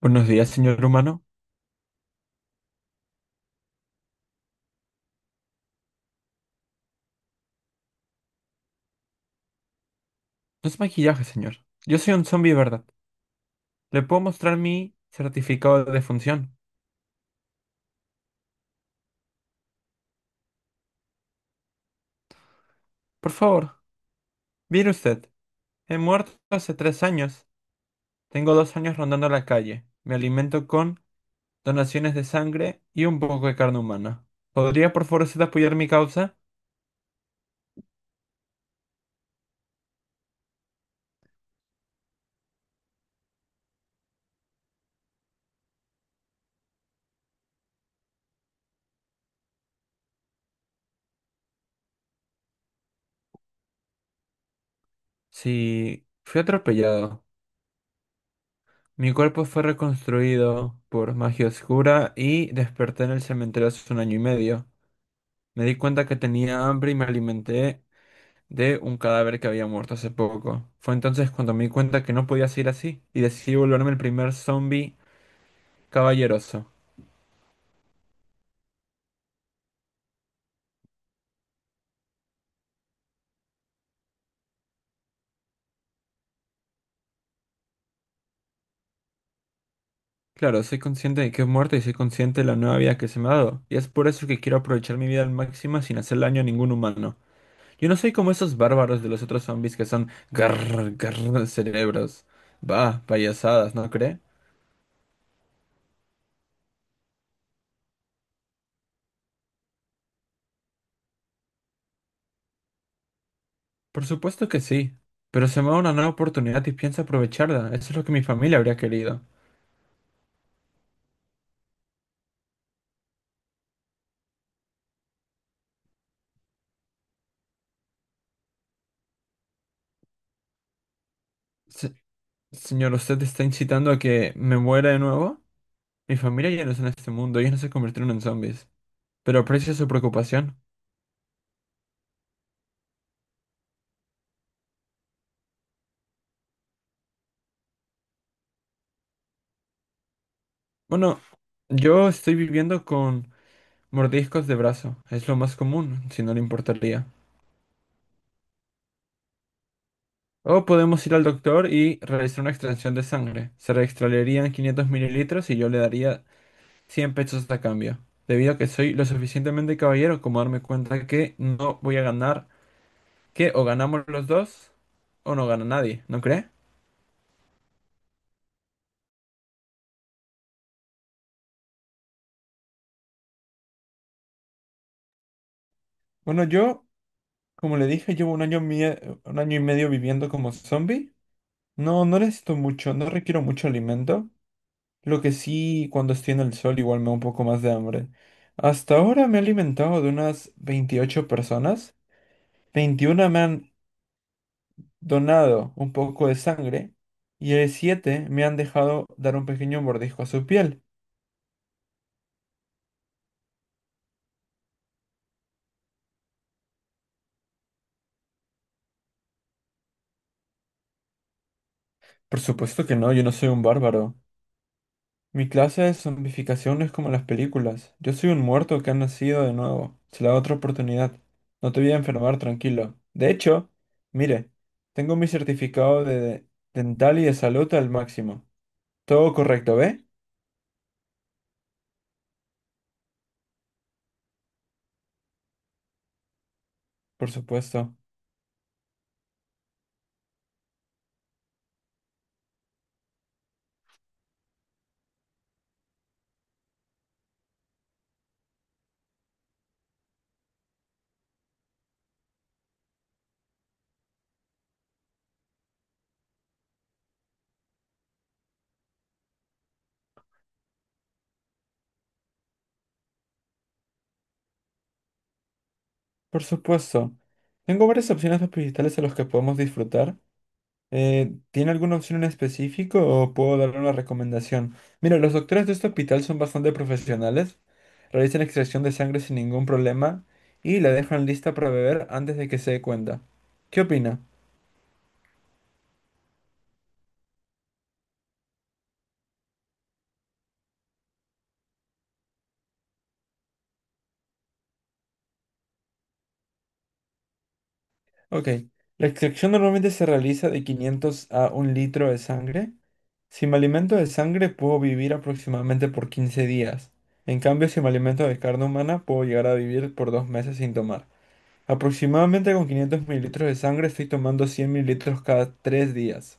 Buenos días, señor humano. No es maquillaje, señor. Yo soy un zombie, ¿verdad? Le puedo mostrar mi certificado de defunción. Por favor, mire usted. He muerto hace 3 años. Tengo 2 años rondando la calle. Me alimento con donaciones de sangre y un poco de carne humana. ¿Podría, por favor, usted apoyar mi causa? Sí, fui atropellado. Mi cuerpo fue reconstruido por magia oscura y desperté en el cementerio hace un año y medio. Me di cuenta que tenía hambre y me alimenté de un cadáver que había muerto hace poco. Fue entonces cuando me di cuenta que no podía seguir así y decidí volverme el primer zombie caballeroso. Claro, soy consciente de que he muerto y soy consciente de la nueva vida que se me ha dado, y es por eso que quiero aprovechar mi vida al máximo sin hacer daño a ningún humano. Yo no soy como esos bárbaros de los otros zombies que son garr, garr cerebros. Bah, payasadas, ¿no cree? Por supuesto que sí, pero se me da una nueva oportunidad y pienso aprovecharla. Eso es lo que mi familia habría querido. Se- Señor, usted está incitando a que me muera de nuevo. Mi familia ya no está en este mundo, ellos no se convirtieron en zombies. Pero aprecio su preocupación. Bueno, yo estoy viviendo con mordiscos de brazo. Es lo más común, si no le importaría. O podemos ir al doctor y realizar una extracción de sangre. Se extraerían 500 mililitros y yo le daría 100 pesos a cambio. Debido a que soy lo suficientemente caballero como darme cuenta que no voy a ganar, que o ganamos los dos o no gana nadie, ¿no cree? Bueno, yo. Como le dije, llevo un año, un año y medio viviendo como zombie. No, no necesito mucho, no requiero mucho alimento. Lo que sí, cuando estoy en el sol, igual me da un poco más de hambre. Hasta ahora me he alimentado de unas 28 personas. 21 me han donado un poco de sangre. Y 7 me han dejado dar un pequeño mordisco a su piel. Por supuesto que no, yo no soy un bárbaro. Mi clase de zombificación no es como las películas. Yo soy un muerto que ha nacido de nuevo. Se la da otra oportunidad. No te voy a enfermar, tranquilo. De hecho, mire, tengo mi certificado de dental y de salud al máximo. Todo correcto, ¿ve? Por supuesto. Por supuesto. Tengo varias opciones de hospitales a los que podemos disfrutar. ¿Tiene alguna opción en específico o puedo darle una recomendación? Mira, los doctores de este hospital son bastante profesionales, realizan extracción de sangre sin ningún problema y la dejan lista para beber antes de que se dé cuenta. ¿Qué opina? Ok, la extracción normalmente se realiza de 500 a un litro de sangre. Si me alimento de sangre puedo vivir aproximadamente por 15 días. En cambio, si me alimento de carne humana puedo llegar a vivir por 2 meses sin tomar. Aproximadamente con 500 mililitros de sangre estoy tomando 100 mililitros cada 3 días.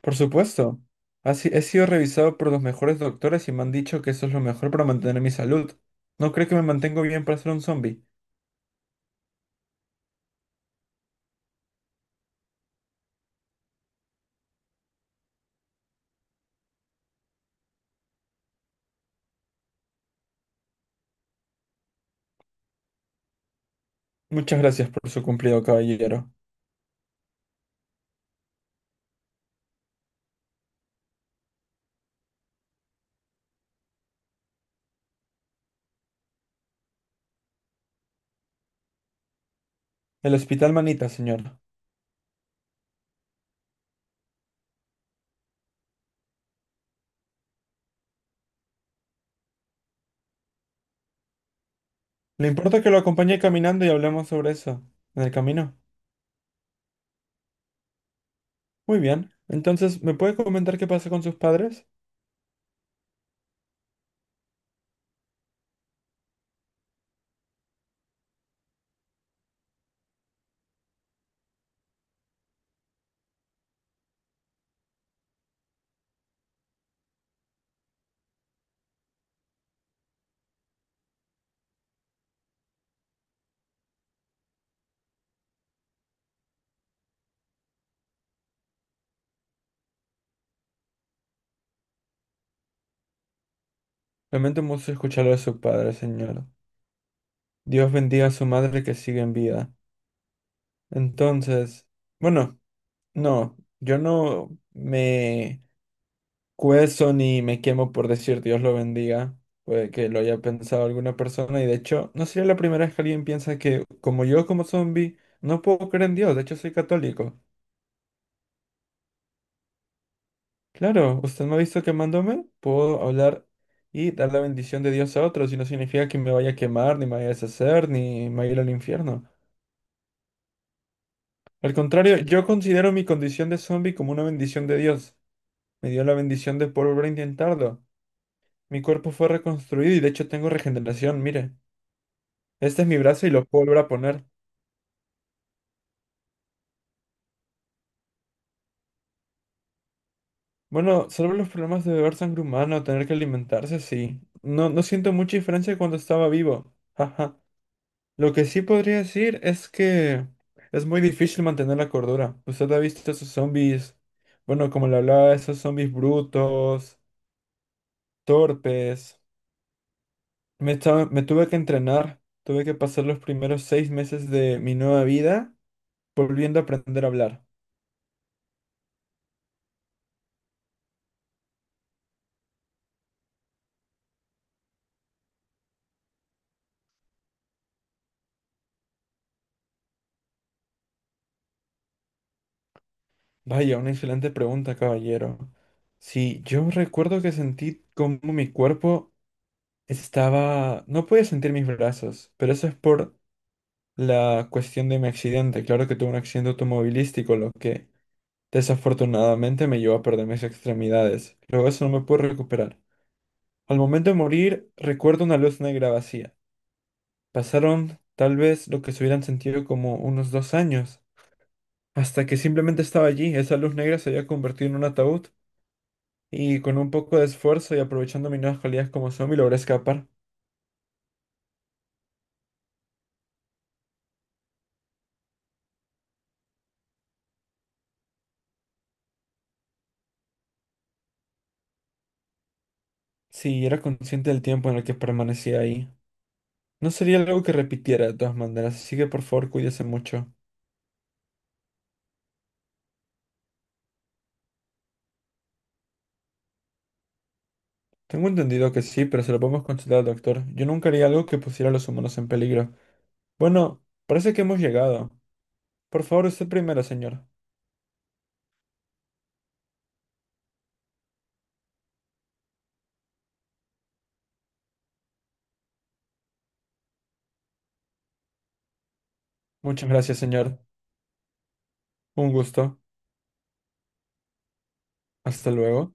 Por supuesto, ha si- he sido revisado por los mejores doctores y me han dicho que eso es lo mejor para mantener mi salud. No cree que me mantengo bien para ser un zombie. Muchas gracias por su cumplido, caballero. El hospital Manita, señora. ¿Le importa que lo acompañe caminando y hablemos sobre eso? En el camino. Muy bien. Entonces, ¿me puede comentar qué pasa con sus padres? Lamento mucho escucharlo de su padre, señor. Dios bendiga a su madre que sigue en vida. Entonces, bueno, no, yo no me cuezo ni me quemo por decir Dios lo bendiga. Puede que lo haya pensado alguna persona y de hecho no sería la primera vez que alguien piensa que como yo como zombie no puedo creer en Dios, de hecho soy católico. Claro, usted me ha visto quemándome, puedo hablar y dar la bendición de Dios a otros y no significa que me vaya a quemar, ni me vaya a deshacer, ni me vaya a ir al infierno. Al contrario, yo considero mi condición de zombie como una bendición de Dios. Me dio la bendición de poder volver a intentarlo. Mi cuerpo fue reconstruido y de hecho tengo regeneración, mire. Este es mi brazo y lo puedo volver a poner. Bueno, salvo los problemas de beber sangre humana o tener que alimentarse, sí. No, no siento mucha diferencia de cuando estaba vivo. Ajá. Lo que sí podría decir es que es muy difícil mantener la cordura. Usted ha visto esos zombies, bueno, como le hablaba, esos zombies brutos, torpes. Me tuve que entrenar. Tuve que pasar los primeros 6 meses de mi nueva vida. Volviendo a aprender a hablar. Vaya, una excelente pregunta, caballero. Sí, yo recuerdo que sentí como mi cuerpo estaba... No podía sentir mis brazos, pero eso es por la cuestión de mi accidente. Claro que tuve un accidente automovilístico, lo que desafortunadamente me llevó a perder mis extremidades. Luego eso no me pude recuperar. Al momento de morir, recuerdo una luz negra vacía. Pasaron tal vez lo que se hubieran sentido como unos 2 años, hasta que simplemente estaba allí. Esa luz negra se había convertido en un ataúd y con un poco de esfuerzo y aprovechando mis nuevas cualidades como zombie logré escapar. Sí, era consciente del tiempo en el que permanecía ahí. No sería algo que repitiera de todas maneras, así que por favor cuídese mucho. Tengo entendido que sí, pero se lo podemos consultar al doctor. Yo nunca haría algo que pusiera a los humanos en peligro. Bueno, parece que hemos llegado. Por favor, usted primero, señor. Muchas gracias, señor. Un gusto. Hasta luego.